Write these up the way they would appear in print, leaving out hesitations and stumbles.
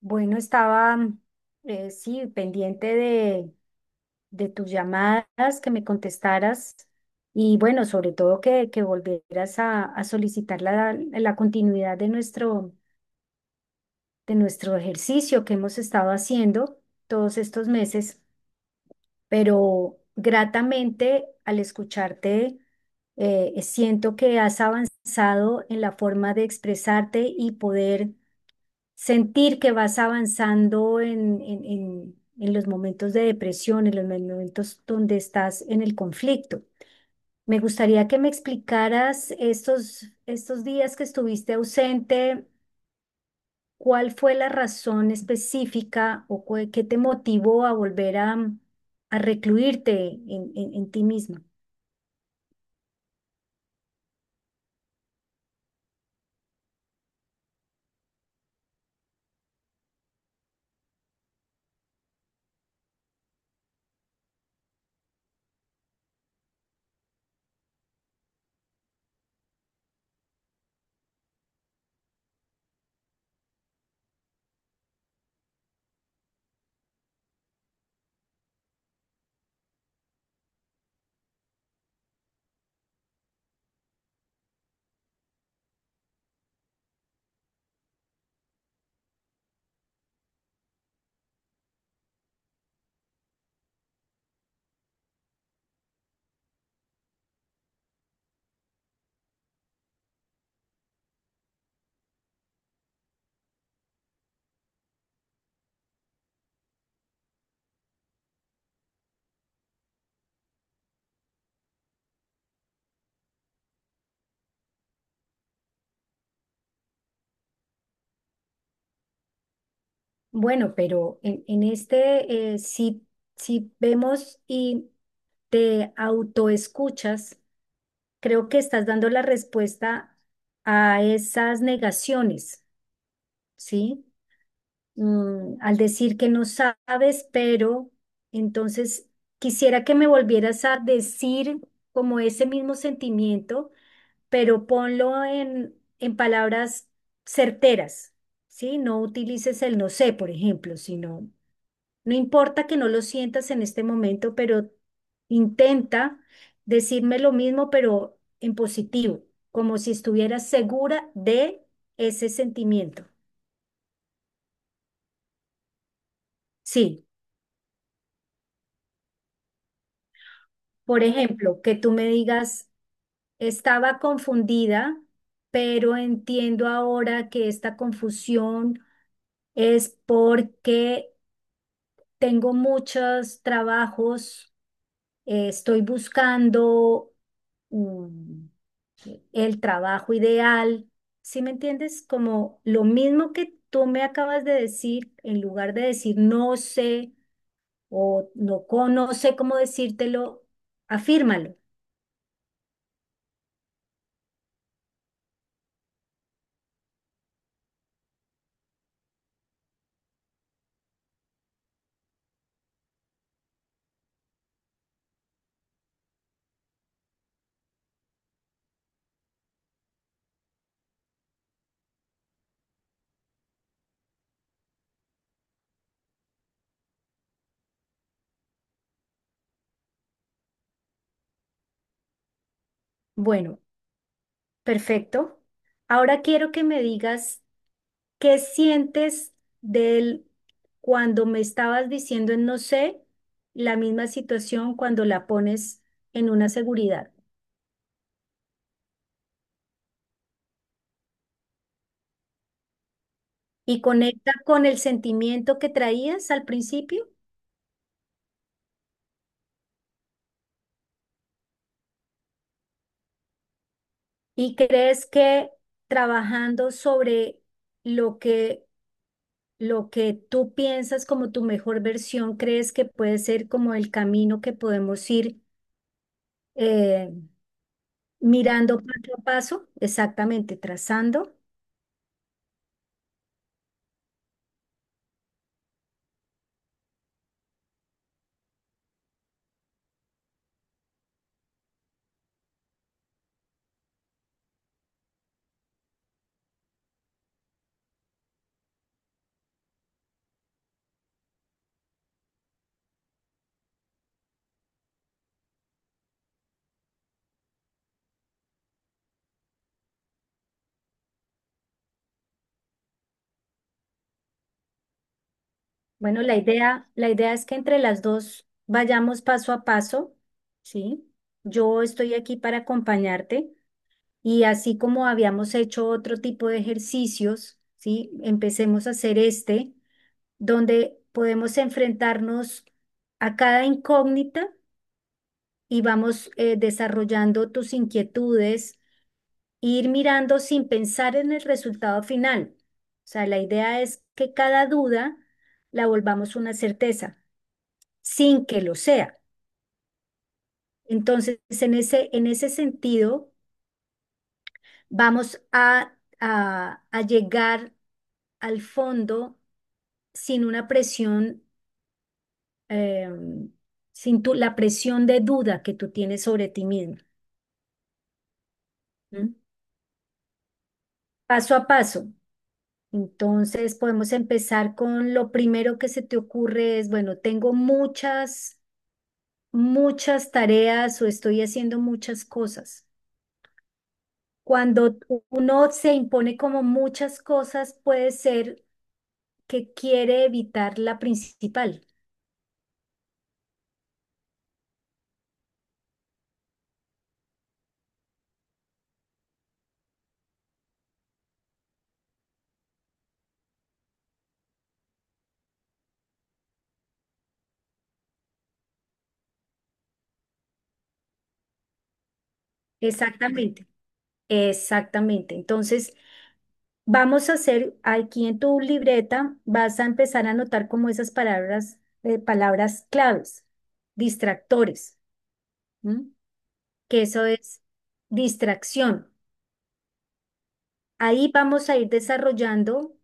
Bueno, estaba sí pendiente de tus llamadas, que me contestaras y bueno, sobre todo que volvieras a solicitar la continuidad de de nuestro ejercicio que hemos estado haciendo todos estos meses, pero gratamente al escucharte siento que has avanzado en la forma de expresarte y poder sentir que vas avanzando en los momentos de depresión, en los momentos donde estás en el conflicto. Me gustaría que me explicaras estos días que estuviste ausente, cuál fue la razón específica o qué te motivó a volver a recluirte en ti misma. Bueno, pero en este, si vemos y te autoescuchas, creo que estás dando la respuesta a esas negaciones, ¿sí? Mm, al decir que no sabes, pero entonces quisiera que me volvieras a decir como ese mismo sentimiento, pero ponlo en palabras certeras, ¿sí? No utilices el no sé, por ejemplo, sino no importa que no lo sientas en este momento, pero intenta decirme lo mismo, pero en positivo, como si estuvieras segura de ese sentimiento. Sí, por ejemplo, que tú me digas, estaba confundida, pero entiendo ahora que esta confusión es porque tengo muchos trabajos, estoy buscando mm, el trabajo ideal. ¿Sí me entiendes? Como lo mismo que tú me acabas de decir, en lugar de decir no sé o no, no sé cómo decírtelo, afírmalo. Bueno, perfecto. Ahora quiero que me digas qué sientes del cuando me estabas diciendo en no sé, la misma situación cuando la pones en una seguridad. Y conecta con el sentimiento que traías al principio. ¿Y crees que trabajando sobre lo que, lo que tú piensas como tu mejor versión, crees que puede ser como el camino que podemos ir eh, mirando paso a paso? Exactamente, trazando. Bueno, la idea es que entre las dos vayamos paso a paso, ¿sí? Yo estoy aquí para acompañarte y así como habíamos hecho otro tipo de ejercicios, ¿sí? Empecemos a hacer este, donde podemos enfrentarnos a cada incógnita y vamos desarrollando tus inquietudes, e ir mirando sin pensar en el resultado final. O sea, la idea es que cada duda la volvamos una certeza, sin que lo sea. Entonces, en ese sentido, vamos a llegar al fondo sin una presión eh, sin tu, la presión de duda que tú tienes sobre ti mismo, ¿m? Paso a paso. Entonces podemos empezar con lo primero que se te ocurre es, bueno, tengo muchas tareas o estoy haciendo muchas cosas. Cuando uno se impone como muchas cosas, puede ser que quiere evitar la principal. Exactamente, exactamente. Entonces, vamos a hacer aquí en tu libreta, vas a empezar a anotar como esas palabras, palabras claves, distractores, ¿m? Que eso es distracción. Ahí vamos a ir desarrollando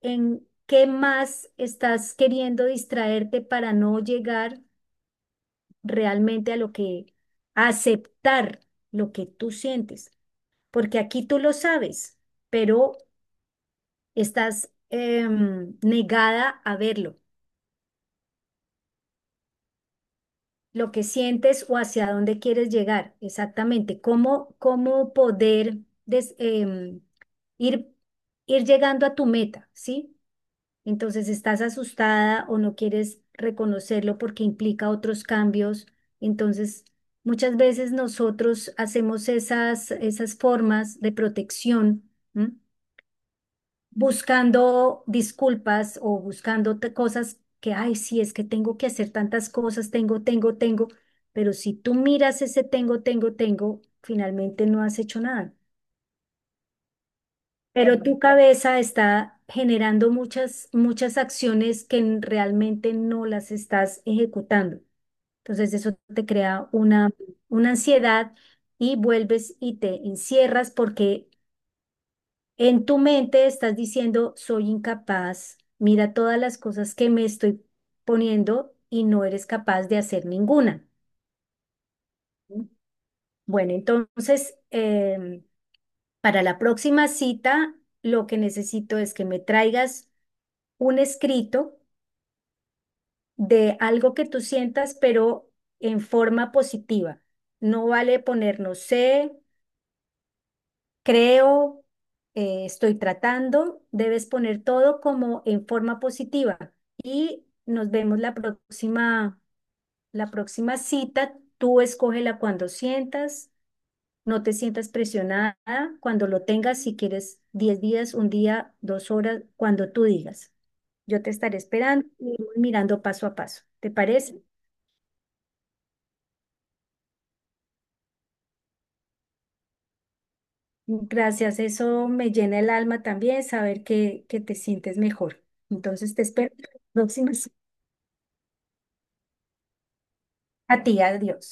en qué más estás queriendo distraerte para no llegar realmente a a aceptar lo que tú sientes, porque aquí tú lo sabes, pero estás negada a verlo. Lo que sientes o hacia dónde quieres llegar, exactamente, cómo, cómo poder des- em, ir, ir llegando a tu meta, ¿sí? Entonces estás asustada o no quieres reconocerlo porque implica otros cambios. Entonces, muchas veces nosotros hacemos esas formas de protección, ¿m? Buscando disculpas o buscando cosas que, ay, sí, es que tengo que hacer tantas cosas, tengo, tengo, tengo, pero si tú miras ese tengo, tengo, tengo, finalmente no has hecho nada. Pero tu cabeza está generando muchas acciones que realmente no las estás ejecutando. Entonces eso te crea una ansiedad y vuelves y te encierras porque en tu mente estás diciendo, soy incapaz, mira todas las cosas que me estoy poniendo y no eres capaz de hacer ninguna. Bueno, entonces, para la próxima cita, lo que necesito es que me traigas un escrito de algo que tú sientas, pero en forma positiva. No vale poner no sé, creo, estoy tratando, debes poner todo como en forma positiva y nos vemos la próxima cita. Tú escógela cuando sientas, no te sientas presionada, cuando lo tengas, si quieres 10 días, un día, 2 horas, cuando tú digas. Yo te estaré esperando y iremos mirando paso a paso. ¿Te parece? Gracias, eso me llena el alma también, saber que te sientes mejor. Entonces te espero en la próxima. A ti, adiós.